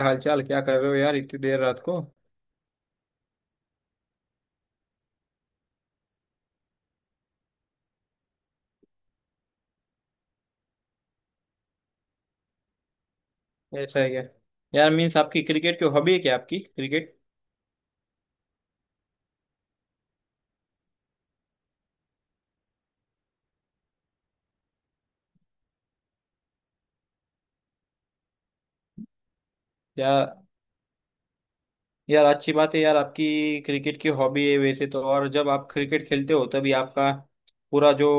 हालचाल क्या कर रहे हो यार, इतनी देर रात को। ऐसा है क्या। यार मीन्स आपकी क्रिकेट की हॉबी है क्या, आपकी क्रिकेट? या यार अच्छी बात है यार, आपकी क्रिकेट की हॉबी है वैसे तो। और जब आप क्रिकेट खेलते हो तभी आपका पूरा जो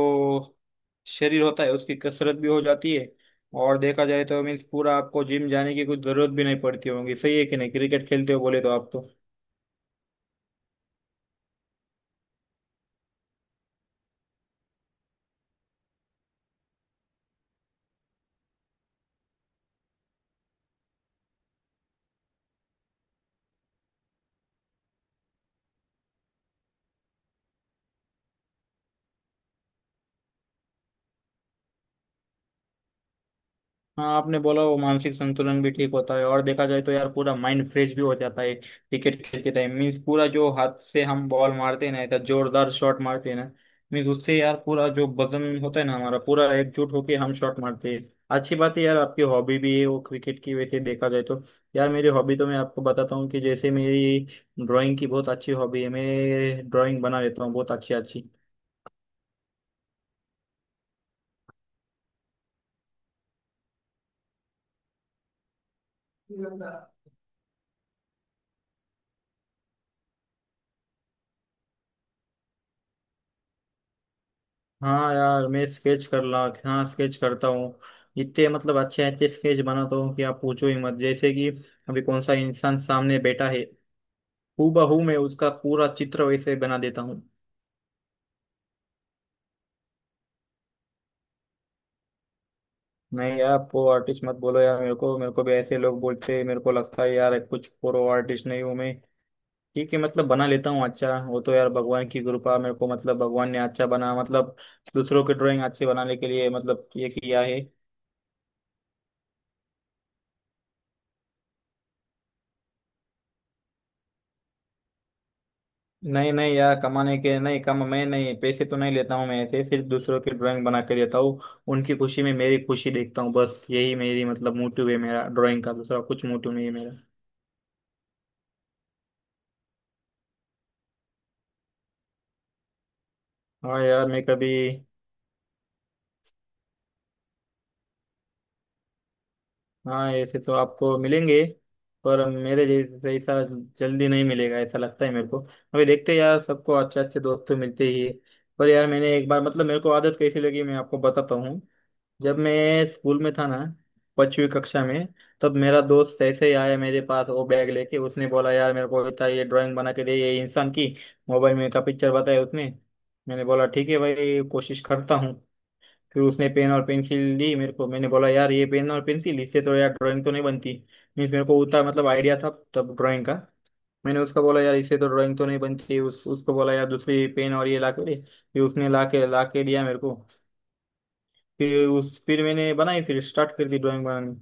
शरीर होता है उसकी कसरत भी हो जाती है। और देखा जाए तो मीन्स पूरा आपको जिम जाने की कुछ जरूरत भी नहीं पड़ती होगी। सही है कि नहीं? क्रिकेट खेलते हो बोले तो आप तो। हाँ, आपने बोला वो मानसिक संतुलन भी ठीक होता है। और देखा जाए तो यार पूरा माइंड फ्रेश भी हो जाता है क्रिकेट खेलते टाइम। मीन्स पूरा जो हाथ से हम बॉल मारते हैं ना, इतना जोरदार शॉट मारते हैं ना। मीन्स उससे यार पूरा जो वजन होता है ना हमारा, पूरा एकजुट होके हम शॉट मारते हैं। अच्छी बात है यार, आपकी हॉबी भी है वो क्रिकेट की वैसे देखा जाए तो। यार मेरी हॉबी तो मैं आपको बताता हूँ कि जैसे मेरी ड्राइंग की बहुत अच्छी हॉबी है। मैं ड्राइंग बना लेता हूँ बहुत अच्छी अच्छी। हाँ यार मैं स्केच कर ला, हाँ स्केच करता हूँ। इतने मतलब अच्छे अच्छे स्केच बनाता हूँ कि आप पूछो ही मत। जैसे कि अभी कौन सा इंसान सामने बैठा है, हूबहू मैं उसका पूरा चित्र वैसे बना देता हूँ। नहीं यार वो आर्टिस्ट मत बोलो यार। मेरे को भी ऐसे लोग बोलते हैं। मेरे को लगता है यार कुछ प्रो आर्टिस्ट नहीं हूँ मैं। ठीक है मतलब बना लेता हूँ अच्छा। वो तो यार भगवान की कृपा। मेरे को मतलब भगवान ने अच्छा बना मतलब दूसरों के ड्राइंग अच्छे बनाने के लिए मतलब ये किया है। नहीं नहीं यार, कमाने के नहीं। कम मैं नहीं, पैसे तो नहीं लेता हूँ मैं। ऐसे सिर्फ दूसरों की ड्राइंग बना के देता हूँ। उनकी खुशी में मेरी खुशी देखता हूँ। बस यही मेरी मतलब मोटिव है मेरा। ड्राइंग का दूसरा कुछ मोटिव नहीं है मेरा। हाँ यार मैं कभी। हाँ ऐसे तो आपको मिलेंगे, पर मेरे जैसा जल्दी नहीं मिलेगा ऐसा लगता है मेरे को। अभी देखते हैं यार, सबको अच्छे अच्छे दोस्त तो मिलते ही है। पर यार मैंने एक बार मतलब मेरे को आदत कैसी लगी मैं आपको बताता हूँ। जब मैं स्कूल में था ना, पांचवी कक्षा में, तब मेरा दोस्त ऐसे ही आया मेरे पास वो बैग लेके। उसने बोला यार मेरे को बेटा ये ड्राइंग बना के दे, ये इंसान की मोबाइल में का पिक्चर बताया उसने। मैंने बोला ठीक है भाई कोशिश करता हूँ। फिर उसने पेन और पेंसिल दी मेरे को। मैंने बोला यार ये पेन और पेंसिल, इससे तो यार ड्राइंग तो नहीं बनती। मीन्स मेरे को उतना मतलब आइडिया था तब ड्राइंग का। मैंने उसका बोला यार इससे तो ड्राइंग तो नहीं बनती। उस उसको बोला यार दूसरी पेन और ये ला के दे। फिर उसने ला के दिया मेरे को। फिर मैंने बनाई। फिर स्टार्ट कर दी ड्राइंग बनानी।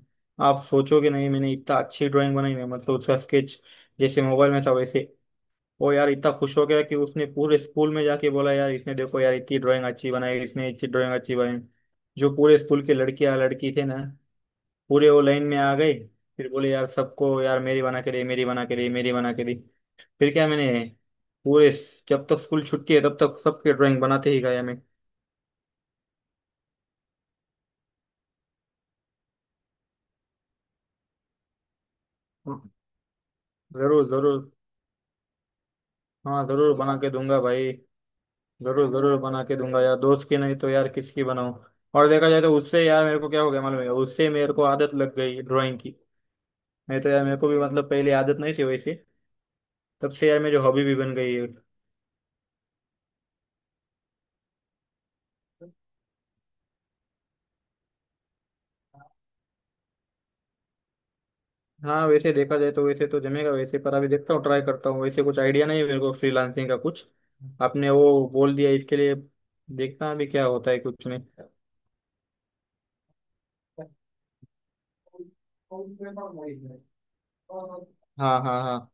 आप सोचोगे नहीं, मैंने इतना अच्छी ड्राइंग बनाई है मतलब उसका स्केच, जैसे मोबाइल में था वैसे। वो यार इतना खुश हो गया कि उसने पूरे स्कूल में जाके बोला यार, इसने देखो यार इतनी ड्राइंग अच्छी बनाई, इसने इतनी ड्राइंग अच्छी बनाई। जो पूरे स्कूल के लड़कियां लड़की थे ना, पूरे वो लाइन में आ गए। फिर बोले यार सबको, यार मेरी बना के दे, मेरी बना के दे, मेरी बना के दे। फिर क्या मैंने पूरे, जब तक स्कूल छुट्टी है तब तक सबके ड्राइंग बनाते ही गया मैं। हाँ, जरूर जरूर। हाँ जरूर बना के दूंगा भाई। जरूर जरूर बना के दूंगा यार, दोस्त की नहीं तो यार किसकी बनाऊं। और देखा जाए तो उससे यार मेरे को क्या हो गया मालूम है? उससे मेरे को आदत लग गई ड्राइंग की। नहीं तो यार मेरे को भी मतलब पहले आदत नहीं थी वैसे। तब से यार मेरी हॉबी भी बन गई है। हाँ वैसे देखा जाए तो वैसे तो जमेगा वैसे, पर अभी देखता हूँ, ट्राई करता हूँ वैसे। कुछ आइडिया नहीं है मेरे को फ्रीलांसिंग का कुछ। आपने वो बोल दिया इसके लिए। देखता हूँ अभी क्या होता है कुछ नहीं। हाँ हाँ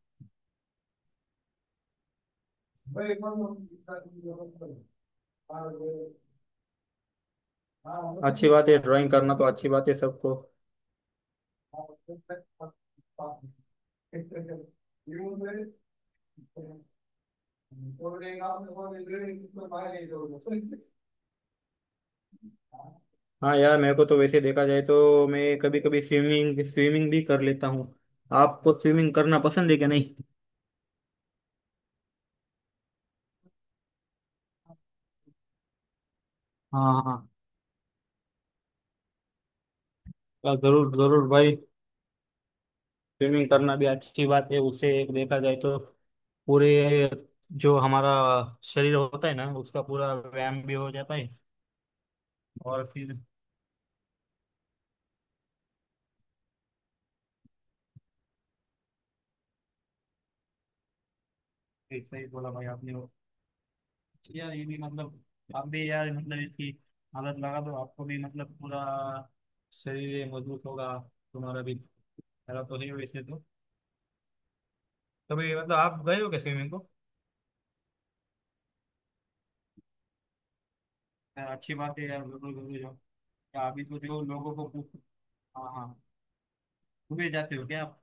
हाँ, अच्छी बात है ड्राइंग करना, तो अच्छी बात है सबको। हाँ यार मेरे को तो वैसे देखा जाए तो मैं कभी कभी स्विमिंग स्विमिंग भी कर लेता हूँ। आपको स्विमिंग करना पसंद है क्या नहीं? हाँ हाँ यार, जरूर जरूर भाई। स्विमिंग करना भी अच्छी बात है उसे, एक देखा जाए तो पूरे जो हमारा शरीर होता है ना, उसका पूरा व्यायाम भी हो जाता है। और फिर ऐसा ही बोला भाई आपने वो। यार ये भी मतलब, आप भी यार मतलब इसकी आदत लगा दो, आपको भी मतलब पूरा शरीर ये मजबूत होगा तुम्हारा भी। मेरा तो है वैसे तो। कभी मतलब आप गए हो क्या स्विमिंग को? यार अच्छी बात है यार, बिल्कुल जरूर जाओ। यार अभी तो जो लोगों को पूछ। हाँ हाँ, घूमे जाते हो क्या आप?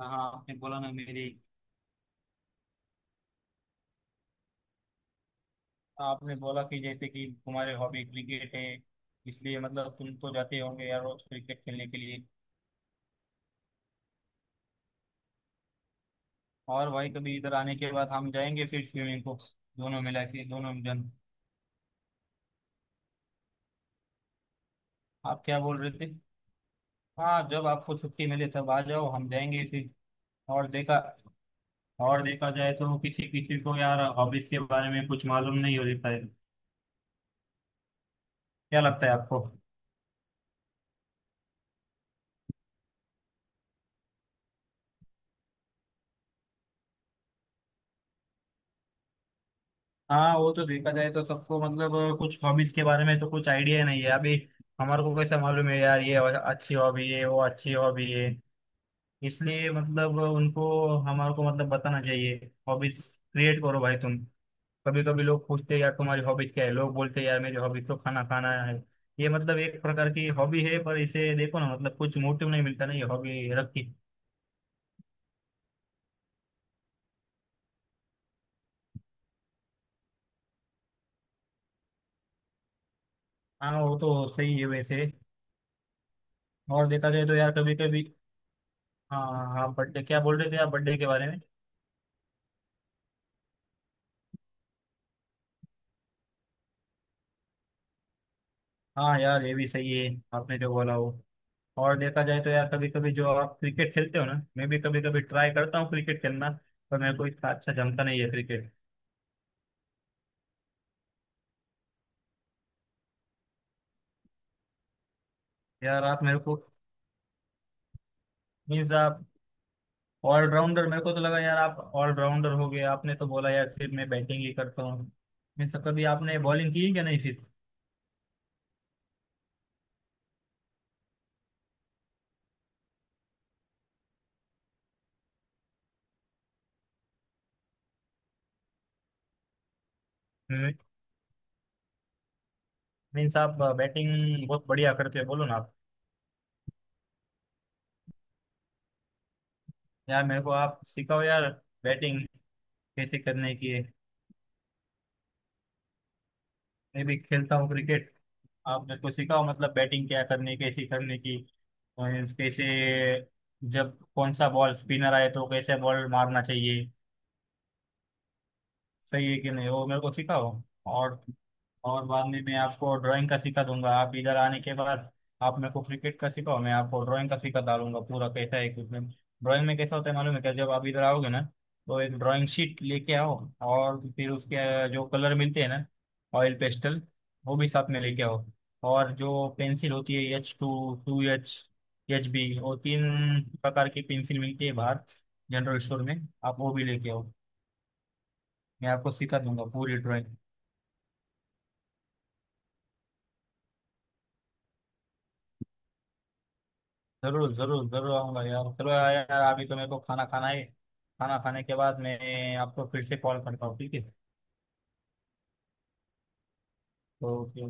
हाँ हाँ, आपने बोला ना मेरी। आपने बोला कि जैसे कि तुम्हारे हॉबी क्रिकेट है, इसलिए मतलब तुम तो जाते होंगे यार रोज क्रिकेट खेलने के लिए। और भाई कभी इधर आने के बाद हम जाएंगे फिर स्विमिंग को, दोनों मिला के दोनों जन। आप क्या बोल रहे थे? हाँ जब आपको छुट्टी मिले तब आ जाओ, हम जाएंगे फिर। और देखा और देखा जाए तो किसी किसी को यार हॉबीज के बारे में कुछ मालूम नहीं होता है। क्या लगता है आपको? हाँ वो तो देखा जाए तो सबको मतलब कुछ हॉबीज के बारे में तो कुछ आइडिया नहीं है अभी। हमारे को कैसे मालूम है यार ये अच्छी हॉबी है वो अच्छी हॉबी है। इसलिए मतलब उनको, हमारे को मतलब बताना चाहिए हॉबीज। क्रिएट करो भाई तुम। कभी कभी लोग पूछते हैं यार तुम्हारी हॉबीज क्या है? लोग बोलते हैं यार मेरी हॉबीज तो खाना खाना है। ये मतलब एक प्रकार की हॉबी है, पर इसे देखो ना, मतलब कुछ मोटिव नहीं मिलता ना ये हॉबी रख के। हाँ वो तो सही है वैसे। और देखा जाए तो यार कभी कभी। हाँ हाँ, बर्थडे क्या बोल रहे थे आप बर्थडे के बारे में? हाँ यार ये भी सही है, आपने जो बोला वो। और देखा जाए तो यार कभी कभी जो आप क्रिकेट खेलते हो ना, मैं भी कभी कभी ट्राई करता हूँ क्रिकेट खेलना। पर मेरे को इतना अच्छा जमता नहीं है क्रिकेट। यार आप मेरे को। मीन्स आप ऑलराउंडर, मेरे को तो लगा यार आप ऑलराउंडर हो गए। आपने तो बोला यार सिर्फ मैं बैटिंग ही करता हूँ। मीन्स कभी आपने बॉलिंग की है क्या नहीं, सिर्फ। मीन्स आप बैटिंग बहुत बढ़िया करते हो बोलो ना आप। यार मेरे को आप सिखाओ यार बैटिंग कैसे करने की है। मैं भी खेलता हूँ क्रिकेट, आप मेरे को सिखाओ मतलब बैटिंग क्या करनी, कैसे करने की। और कैसे, जब कौन सा बॉल स्पिनर आए तो कैसे बॉल मारना चाहिए। सही है कि नहीं, वो मेरे को सिखाओ। और और बाद में मैं आपको ड्राइंग का सिखा दूंगा आप इधर आने के बाद। आप मेरे को क्रिकेट का सिखाओ, मैं आपको ड्राइंग का सिखा डालूंगा पूरा। कैसा है इक्विपमेंट, ड्राइंग में कैसा होता है मालूम है क्या? जब आप इधर आओगे ना, तो एक ड्राइंग शीट लेके आओ। और फिर उसके जो कलर मिलते हैं ना, ऑयल पेस्टल, वो भी साथ में लेके आओ। और जो पेंसिल होती है H2, 2H, HB, वो तीन प्रकार की पेंसिल मिलती है बाहर, जनरल स्टोर में। आप वो भी लेके आओ। मैं आपको सिखा दूंगा पूरी ड्राइंग। जरूर जरूर जरूर आऊंगा यार। चलो यार अभी तो मेरे को खाना खाना है। खाना खाने के बाद मैं आपको फिर से कॉल करता हूँ ठीक है। ओके।